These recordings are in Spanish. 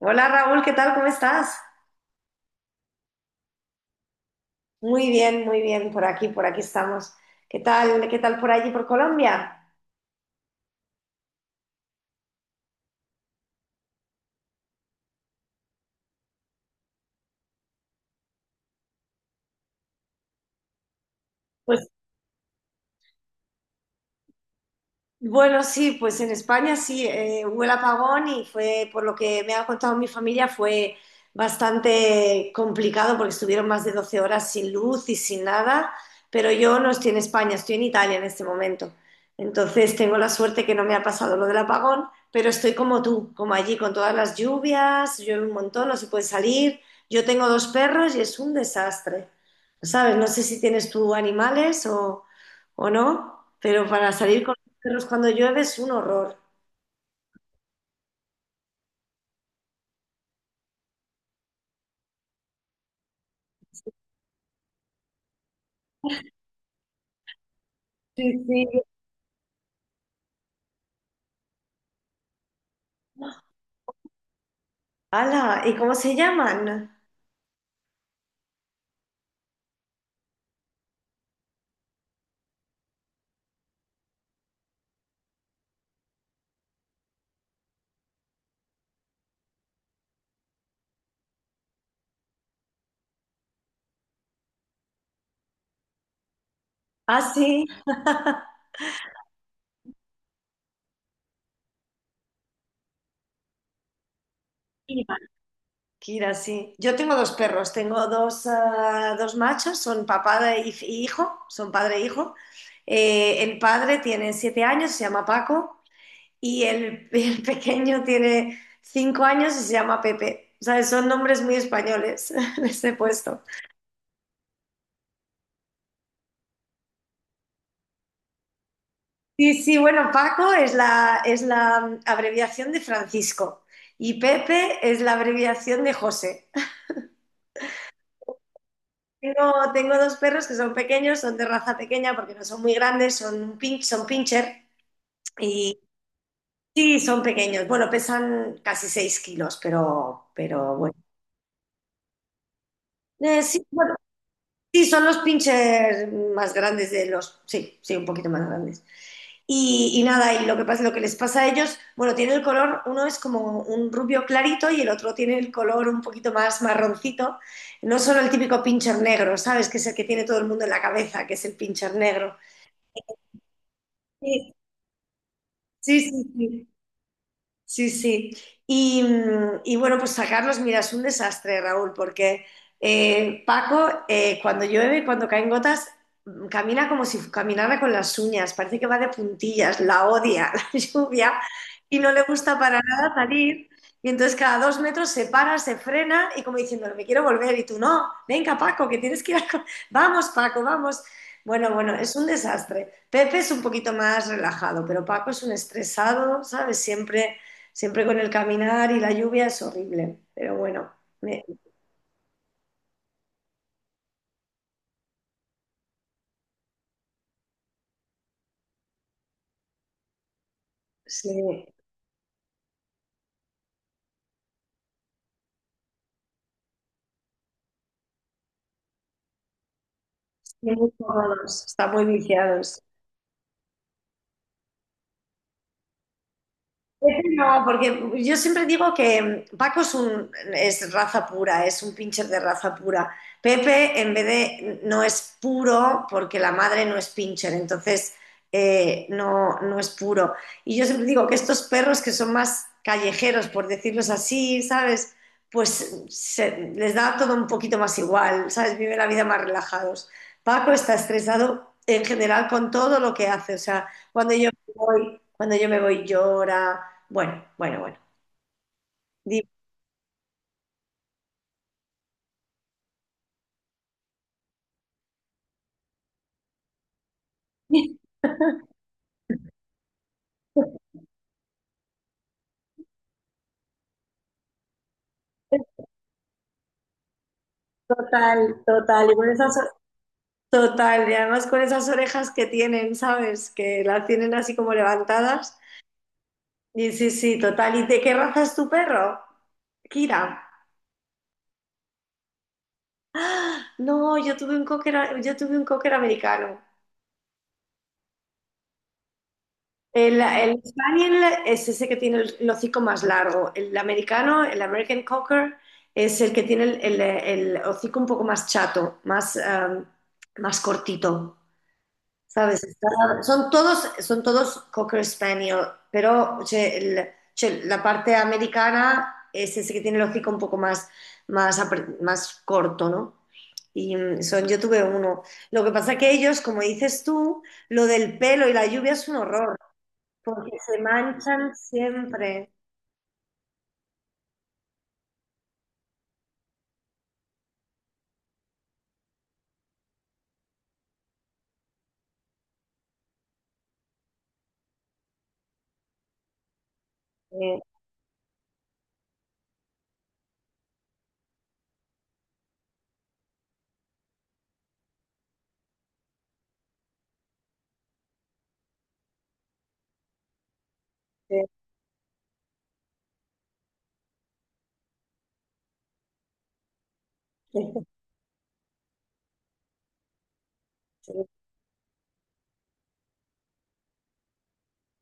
Hola Raúl, ¿qué tal? ¿Cómo estás? Muy bien, por aquí estamos. ¿Qué tal? ¿Qué tal por allí, por Colombia? Bueno, sí, pues en España sí, hubo el apagón y fue, por lo que me ha contado mi familia, fue bastante complicado porque estuvieron más de 12 horas sin luz y sin nada, pero yo no estoy en España, estoy en Italia en este momento. Entonces tengo la suerte que no me ha pasado lo del apagón, pero estoy como tú, como allí, con todas las lluvias, llueve un montón, no se puede salir. Yo tengo dos perros y es un desastre, ¿sabes? No sé si tienes tú animales o no, pero para salir con perros cuando llueve es un horror. Sí, sí. ¡Hala! ¿Y cómo se llaman? Ah, sí. Kira, Kira, sí. Yo tengo dos perros, dos machos, son papá y hijo, son padre e hijo. El padre tiene 7 años, se llama Paco, y el, el pequeño tiene 5 años y se llama Pepe. O sea, son nombres muy españoles, les he puesto. Sí, sí, bueno, Paco es la abreviación de Francisco y Pepe es la abreviación de José. Tengo dos perros que son pequeños, son de raza pequeña porque no son muy grandes, son pincher y sí, son pequeños. Bueno, pesan casi 6 kilos, pero bueno. Sí, bueno, sí, son los pinchers más grandes de los. Sí, sí, un poquito más grandes. Y nada, y lo que pasa, lo que les pasa a ellos, bueno, tiene el color, uno es como un rubio clarito y el otro tiene el color un poquito más marroncito. No solo el típico pincher negro, ¿sabes? Que es el que tiene todo el mundo en la cabeza, que es el pincher negro. Sí, sí, sí. Sí. Sí, sí. Y, y bueno, pues sacarlos, mira, es un desastre, Raúl, porque Paco, cuando llueve, cuando caen gotas, camina como si caminara con las uñas, parece que va de puntillas, la odia la lluvia y no le gusta para nada salir. Y entonces cada 2 metros se para, se frena y como diciendo, me quiero volver y tú no, venga, Paco, que tienes que ir a, ¡vamos, Paco, vamos! Bueno, bueno, es un desastre. Pepe es un poquito más relajado, pero Paco es un estresado, ¿sabes? Siempre con el caminar y la lluvia es horrible, pero bueno, me- sí, sí, muy cómodos, están muy viciados. Pepe no, porque yo siempre digo que Paco es raza pura, es un pincher de raza pura. Pepe, en vez de no es puro, porque la madre no es pincher, entonces no, no es puro. Y yo siempre digo que estos perros que son más callejeros, por decirlos así, ¿sabes? Pues les da todo un poquito más igual, ¿sabes? Viven la vida más relajados. Paco está estresado en general con todo lo que hace, o sea, cuando yo me voy, cuando yo me voy llora. Bueno, bueno, bueno. Di- Total, total. Y con esas, total. Y además con esas orejas que tienen, ¿sabes? Que las tienen así como levantadas. Y sí, sí, total. ¿Y de qué raza es tu perro? Kira. No, yo tuve un cocker, yo tuve un cocker americano. El Spaniel es ese que tiene el- hocico más largo. El americano, el American Cocker, es el que tiene el hocico un poco más chato, más cortito. ¿Sabes? Son todos Cocker Spaniel, pero c'è il- c'è la parte americana es ese que tiene el hocico un poco más, más corto, ¿no? Y yo tuve uno. Lo que pasa que ellos, como dices tú, lo del pelo y la lluvia es un horror, porque se manchan siempre. Eh, eh,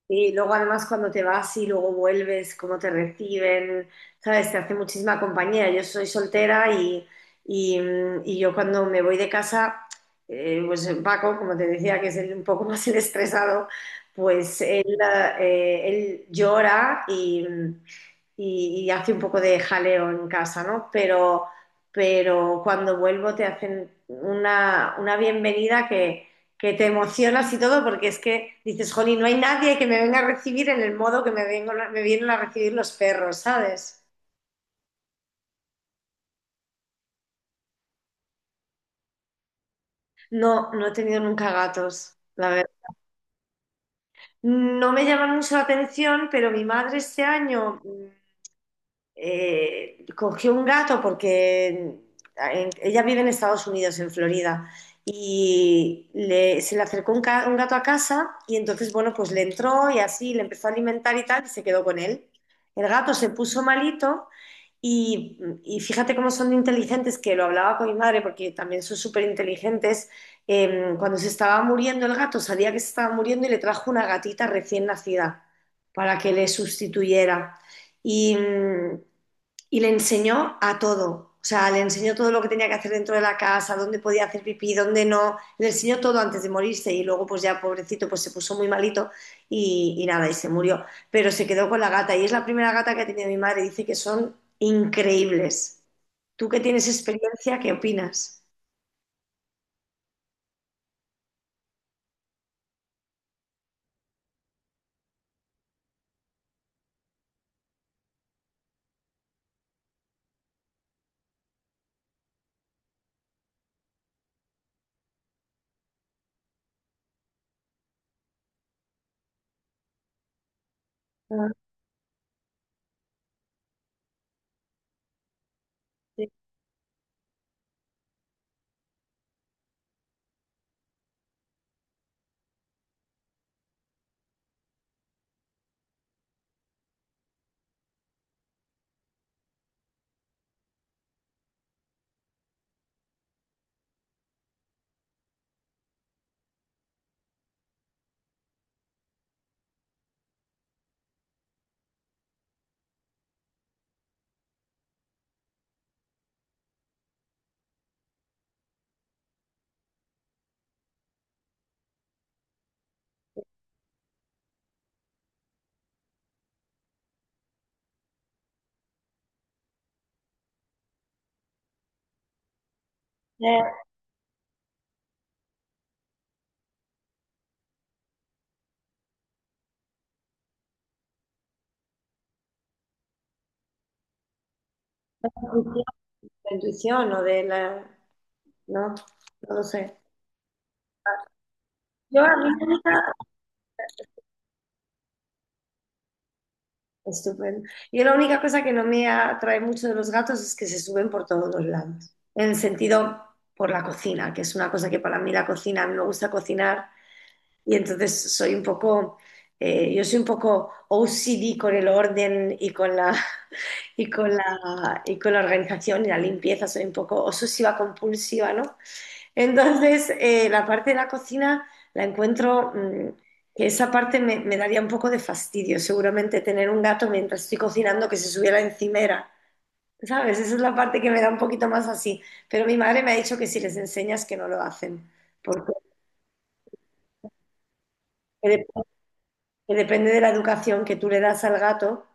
Y luego además cuando te vas y luego vuelves, cómo te reciben, ¿sabes? Te hace muchísima compañía. Yo soy soltera y, y yo cuando me voy de casa, pues Paco, como te decía, que es un poco más el estresado, pues él llora y, y hace un poco de jaleo en casa, ¿no? Pero cuando vuelvo te hacen una bienvenida que te emocionas y todo, porque es que dices, jolín, no hay nadie que me venga a recibir en el modo que me vienen a recibir los perros, ¿sabes? No, no he tenido nunca gatos, la verdad. No me llaman mucho la atención, pero mi madre este año cogió un gato porque ella vive en Estados Unidos, en Florida, y se le acercó un gato a casa y entonces, bueno, pues le entró y así le empezó a alimentar y tal y se quedó con él. El gato se puso malito y, y fíjate cómo son de inteligentes, que lo hablaba con mi madre porque también son súper inteligentes. Cuando se estaba muriendo el gato, sabía que se estaba muriendo y le trajo una gatita recién nacida para que le sustituyera. Y, mm, y le enseñó a todo. O sea, le enseñó todo lo que tenía que hacer dentro de la casa, dónde podía hacer pipí, dónde no. Le enseñó todo antes de morirse y luego, pues ya pobrecito, pues se puso muy malito y nada, y se murió. Pero se quedó con la gata y es la primera gata que ha tenido mi madre. Dice que son increíbles. Tú que tienes experiencia, ¿qué opinas? Ah, sí. Eh, intuición, la intuición o de la... No, no lo sé. Yo a mí Estupendo. Yo la única cosa que no me atrae mucho de los gatos es que se suben por todos los lados. En el sentido por la cocina, que es una cosa que para mí la cocina, a mí me gusta cocinar y entonces soy un poco OCD con el orden y con la organización y la limpieza, soy un poco obsesiva compulsiva, ¿no? Entonces, la parte de la cocina la encuentro, que esa parte me daría un poco de fastidio, seguramente tener un gato mientras estoy cocinando que se subiera encimera, ¿sabes? Esa es la parte que me da un poquito más así. Pero mi madre me ha dicho que si les enseñas que no lo hacen, porque que dep- que depende de la educación que tú le das al gato.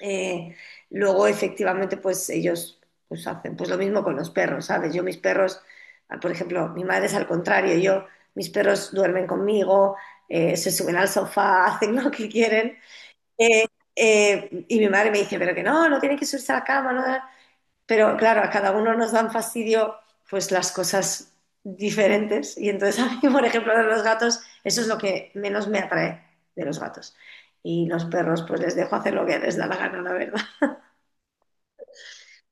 Eh, Luego, efectivamente, pues ellos pues, hacen pues, lo mismo con los perros, ¿sabes? Yo mis perros, por ejemplo, mi madre es al contrario, mis perros duermen conmigo, se suben al sofá, hacen lo que quieren. Eh, y mi madre me dice, pero que no, no tienen que subirse a la cama, no. Pero claro, a cada uno nos dan fastidio pues las cosas diferentes. Y entonces a mí, por ejemplo, de los gatos, eso es lo que menos me atrae de los gatos. Y los perros, pues les dejo hacer lo que les da la gana, la verdad.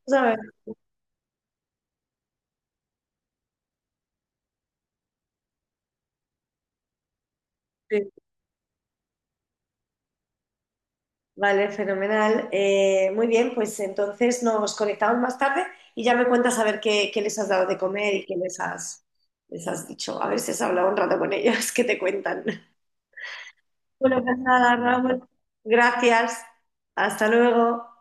¿Sabes? Sí. Vale, fenomenal. Muy bien, pues entonces nos conectamos más tarde y ya me cuentas a ver qué les has dado de comer y qué les has dicho. A ver si has hablado un rato con ellos, que te cuentan. Bueno, pues nada, Raúl. Gracias. Hasta luego.